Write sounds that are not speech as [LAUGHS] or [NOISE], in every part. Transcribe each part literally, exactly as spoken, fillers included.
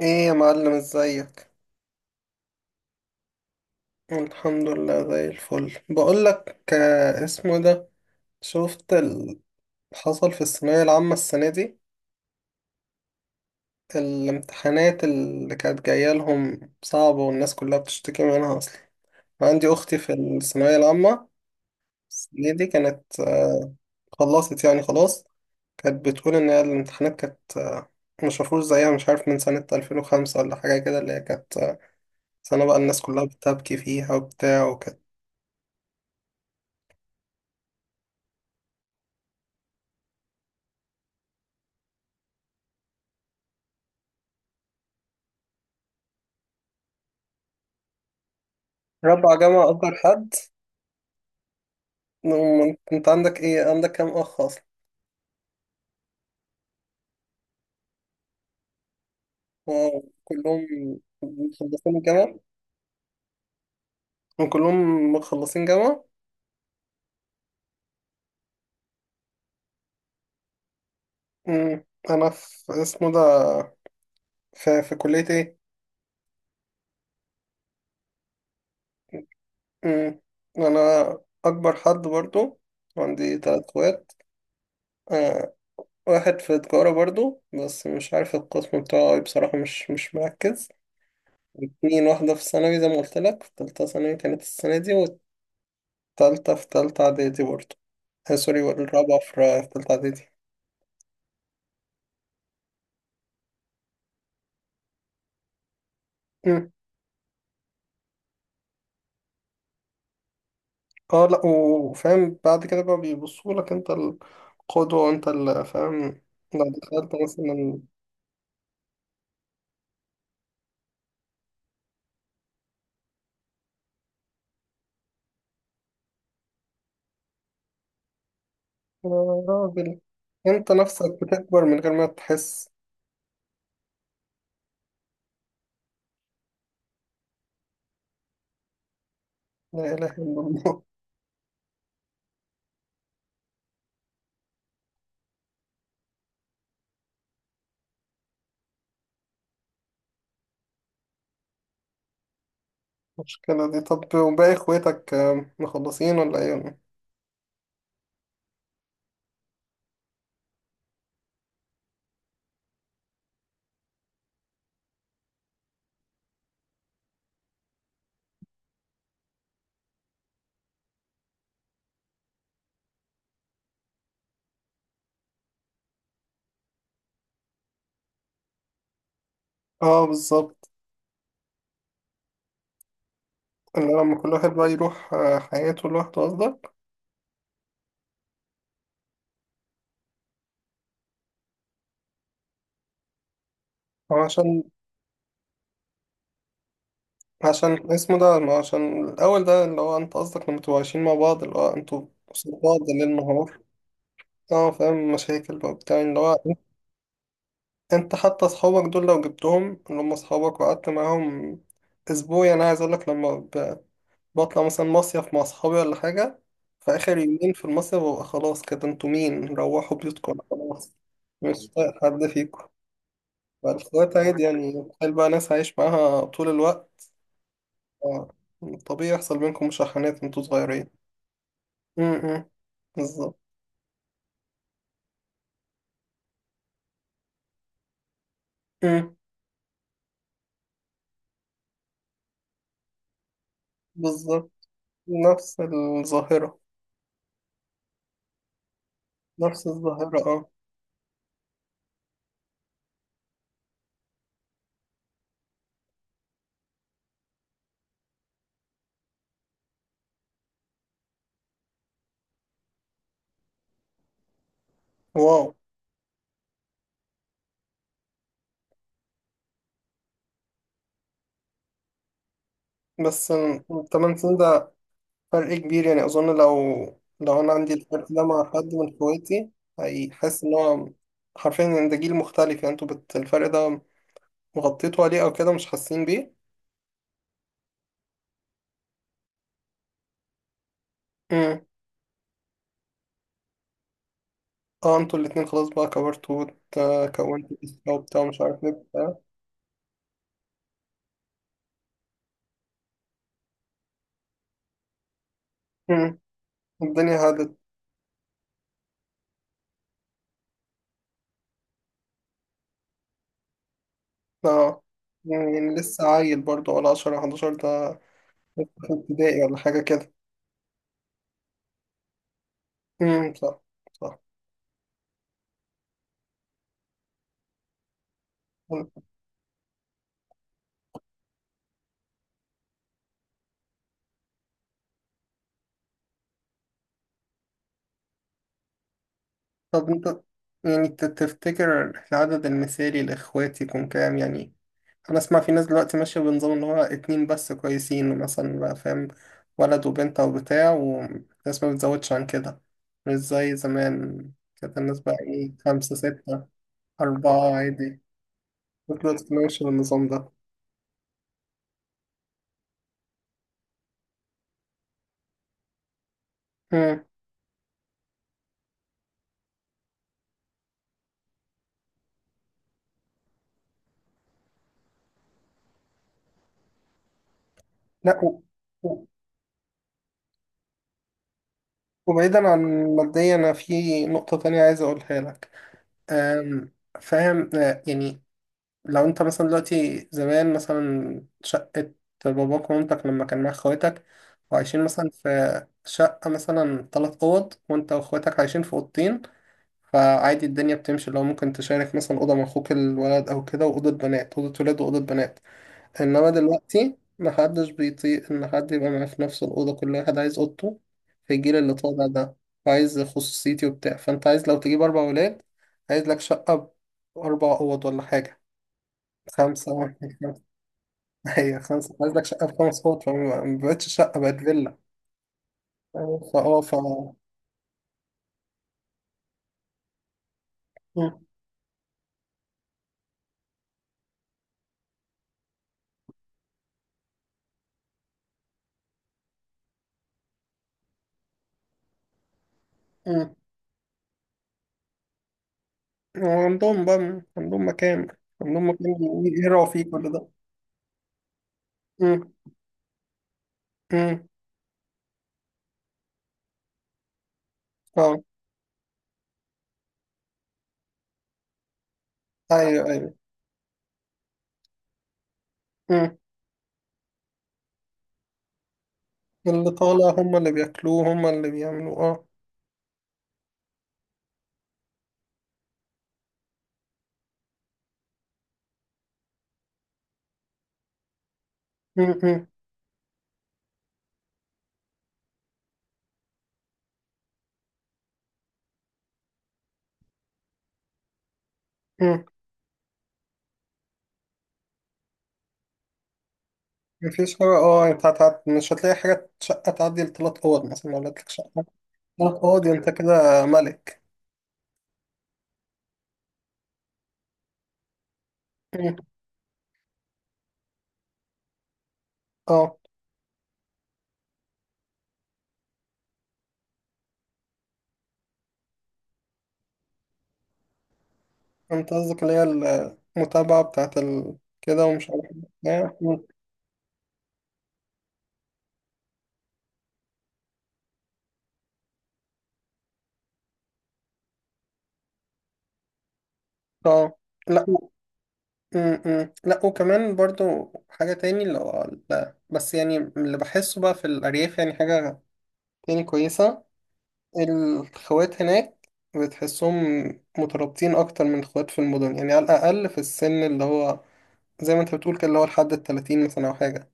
ايه يا معلم ازيك؟ الحمد لله زي الفل. بقولك آه، اسمه ده، شفت اللي حصل في الثانوية العامة السنة دي؟ الامتحانات اللي كانت جاية لهم صعبة والناس كلها بتشتكي منها اصلا. عندي اختي في الثانوية العامة السنة دي، كانت آه، خلصت يعني خلاص. كانت بتقول ان هي الامتحانات كانت آه، مش مفروض زيها، مش عارف من سنة ألفين وخمسة ولا حاجة كده، اللي هي كانت آه، سنة بقى الناس كلها بتبكي فيها وبتاع، وكانت رابعة جامعة أكبر حد. نعم، أنت عندك إيه، عندك كام أخ أصلا؟ واو، كلهم مخلصين الجامعة؟ كلهم مخلصين جامعة؟ أمم، أنا في اسمه ده في, في كلية إيه؟ أمم، أنا أكبر حد برضو، عندي تلات أخوات. آه، واحد في تجارة برضو، بس مش عارف القسم بتاعه إيه بصراحة، مش مش مركز. اتنين، واحدة في ثانوي زي ما قلت لك، في تالتة ثانوي كانت السنة دي، والتالتة في تالتة إعدادي برضو. آه، سوري، الرابعة في في تالتة إعدادي. مم. اه لأ، وفاهم بعد كده بقى بيبصوا لك أنت القدوة وأنت اللي فاهم. لو دخلت مثلا، يا راجل، أنت نفسك بتكبر من غير ما تحس. لا إله إلا الله. [LAUGHS] المشكلة دي، طب وباقي إخواتك آه، مخلصين ولا إيه؟ [LAUGHS] ولا إيه؟ اه بالظبط. اللي لما كل واحد بقى يروح آه، حياته لوحده قصدك. عشان عشان اسمه ده، ما عشان الأول ده اللي هو أنت قصدك، لما تبقوا عايشين مع بعض، اللي هو أنتوا قصاد بعض ليل نهار. اه فاهم، مشاكل بقى بتاع اللي هو، أنت حتى أصحابك دول لو جبتهم، اللي هم أصحابك، وقعدت معاهم أسبوع، يعني أنا عايز أقولك، لما ب- بطلع مثلا مصيف مع أصحابي ولا حاجة، في آخر يومين في المصيف ببقى خلاص كده، أنتوا مين، روحوا بيوتكم خلاص، مش طايق حد فيكم. فالإخوات عادي، يعني تخيل بقى ناس عايش معاها طول الوقت. آه، طبيعي يحصل بينكم مشاحنات وانتوا صغيرين. امم، بالظبط. امم، بالظبط. نفس الظاهرة. نفس الظاهرة اه. واو. بس الثمان سنين ده فرق كبير، يعني أظن لو لو أنا عندي الفرق ده مع حد من إخواتي، هيحس إن هو حرفيا إن ده جيل مختلف. يعني انتوا بت... الفرق ده مغطيتوا عليه، أو كده مش حاسين بيه. امم. اه انتوا الاتنين خلاص بقى، كبرتوا وكونتوا أسرة وبتاع مش عارف ايه بتاع. امم. الدنيا هادت. اه، يعني لسه عيل برضه ولا عشرة حداشر ده، في ابتدائي ولا حاجة كده. امم، صح. صح. طب انت يعني ت- تفتكر العدد المثالي لإخواتي يكون كام يعني؟ أنا أسمع في ناس دلوقتي ماشية بنظام إن هو اتنين بس كويسين مثلا بقى، فاهم، ولد وبنت أو بتاع، والناس ما بتزودش عن كده، مش زي زمان. كانت الناس بقى إيه، خمسة ستة، أربعة عادي. دلوقتي ماشي النظام ده. مم. لا، و... و... وبعيدا عن ماديا أنا في نقطة تانية عايز أقولها لك. أم، فاهم أه، يعني، لو انت مثلا دلوقتي، زمان مثلا شقة باباك ومامتك لما كان معاك اخواتك، وعايشين مثلا في شقة مثلا تلات أوض، وانت واخواتك عايشين في أوضتين، فعادي الدنيا بتمشي، لو ممكن تشارك مثلا أوضة مع أخوك الولد أو كده، وأوضة بنات، أوضة ولاد وأوضة بنات. انما دلوقتي محدش بيطيق ان حد يبقى معاه في نفس الاوضه، كل واحد عايز اوضته، في الجيل اللي طالع ده، وعايز خصوصيتي وبتاع. فانت عايز لو تجيب اربع ولاد، عايز لك شقه باربع اوض ولا حاجه. خمسه واحد خمسه. [LAUGHS] هي خمسه، عايز لك شقه بخمس اوض، فما بقتش شقه، بقت فيلا. فاه ف مم. مم. وعندهم بقى عندهم مكان. عندهم مكان يقروا فيه كل ده. مم. مم. اه ايوه ايوه. مم. اللي طالع هم اللي بياكلوه، هم اللي بيعملوه اه. م- م- م. مفيش حاجة. اه انت هتعد... مش هتلاقي حاجة، شقة تعدي لتلات أوض مثلا، لو لقيتلك شقة تلات أوض انت كده ملك. م. اه انت قصدك اللي هي المتابعة بتاعت ال... كده، ومش عارف ايه. م. اه لا و- م- م. لا، وكمان برضو حاجة تاني، اللي هو لا، بس يعني اللي بحسه بقى في الأرياف، يعني حاجة تاني كويسة، الخوات هناك بتحسهم مترابطين أكتر من الخوات في المدن، يعني على الأقل في السن اللي هو زي ما أنت بتقول كده، اللي هو لحد التلاتين مثلا أو حاجة،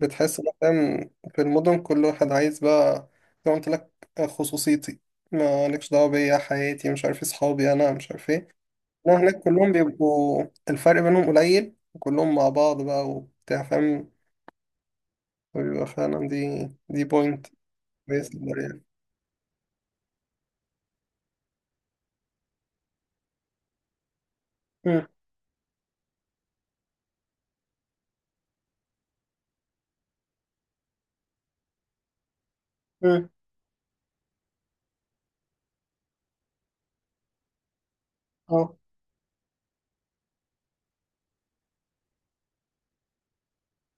بتحس بقى فاهم. في المدن كل واحد عايز بقى، زي ما قلت لك، خصوصيتي، مالكش دعوة بيا، حياتي مش عارف إيه، صحابي أنا مش عارف إيه. إنما هناك كلهم بيبقوا الفرق بينهم قليل، وكلهم مع بعض بقى وبتاع فاهم، وبيبقى فعلا دي دي بوينت كويس للدنيا. مم. مم.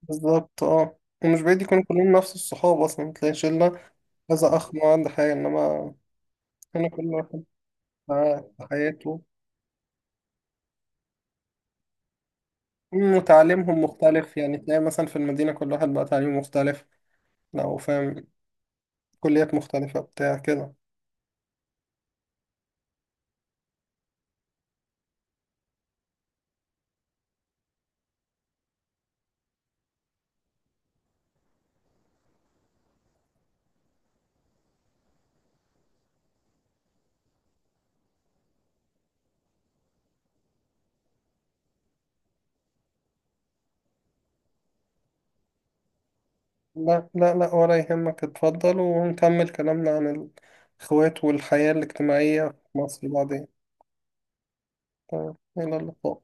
بالظبط اه. ومش بعيد يكونوا كلهم نفس الصحاب أصلا، تلاقي شلة كذا أخ ما عنده حاجة. إنما هنا كل واحد في حياته. أمم، وتعليمهم مختلف، يعني تلاقي مثلا في المدينة كل واحد بقى تعليمه مختلف، لو فاهم، كليات مختلفة بتاع كده. لا لا لا، ولا يهمك، اتفضل ونكمل كلامنا عن الإخوات والحياة الاجتماعية في مصر بعدين. تمام، إلى اللقاء.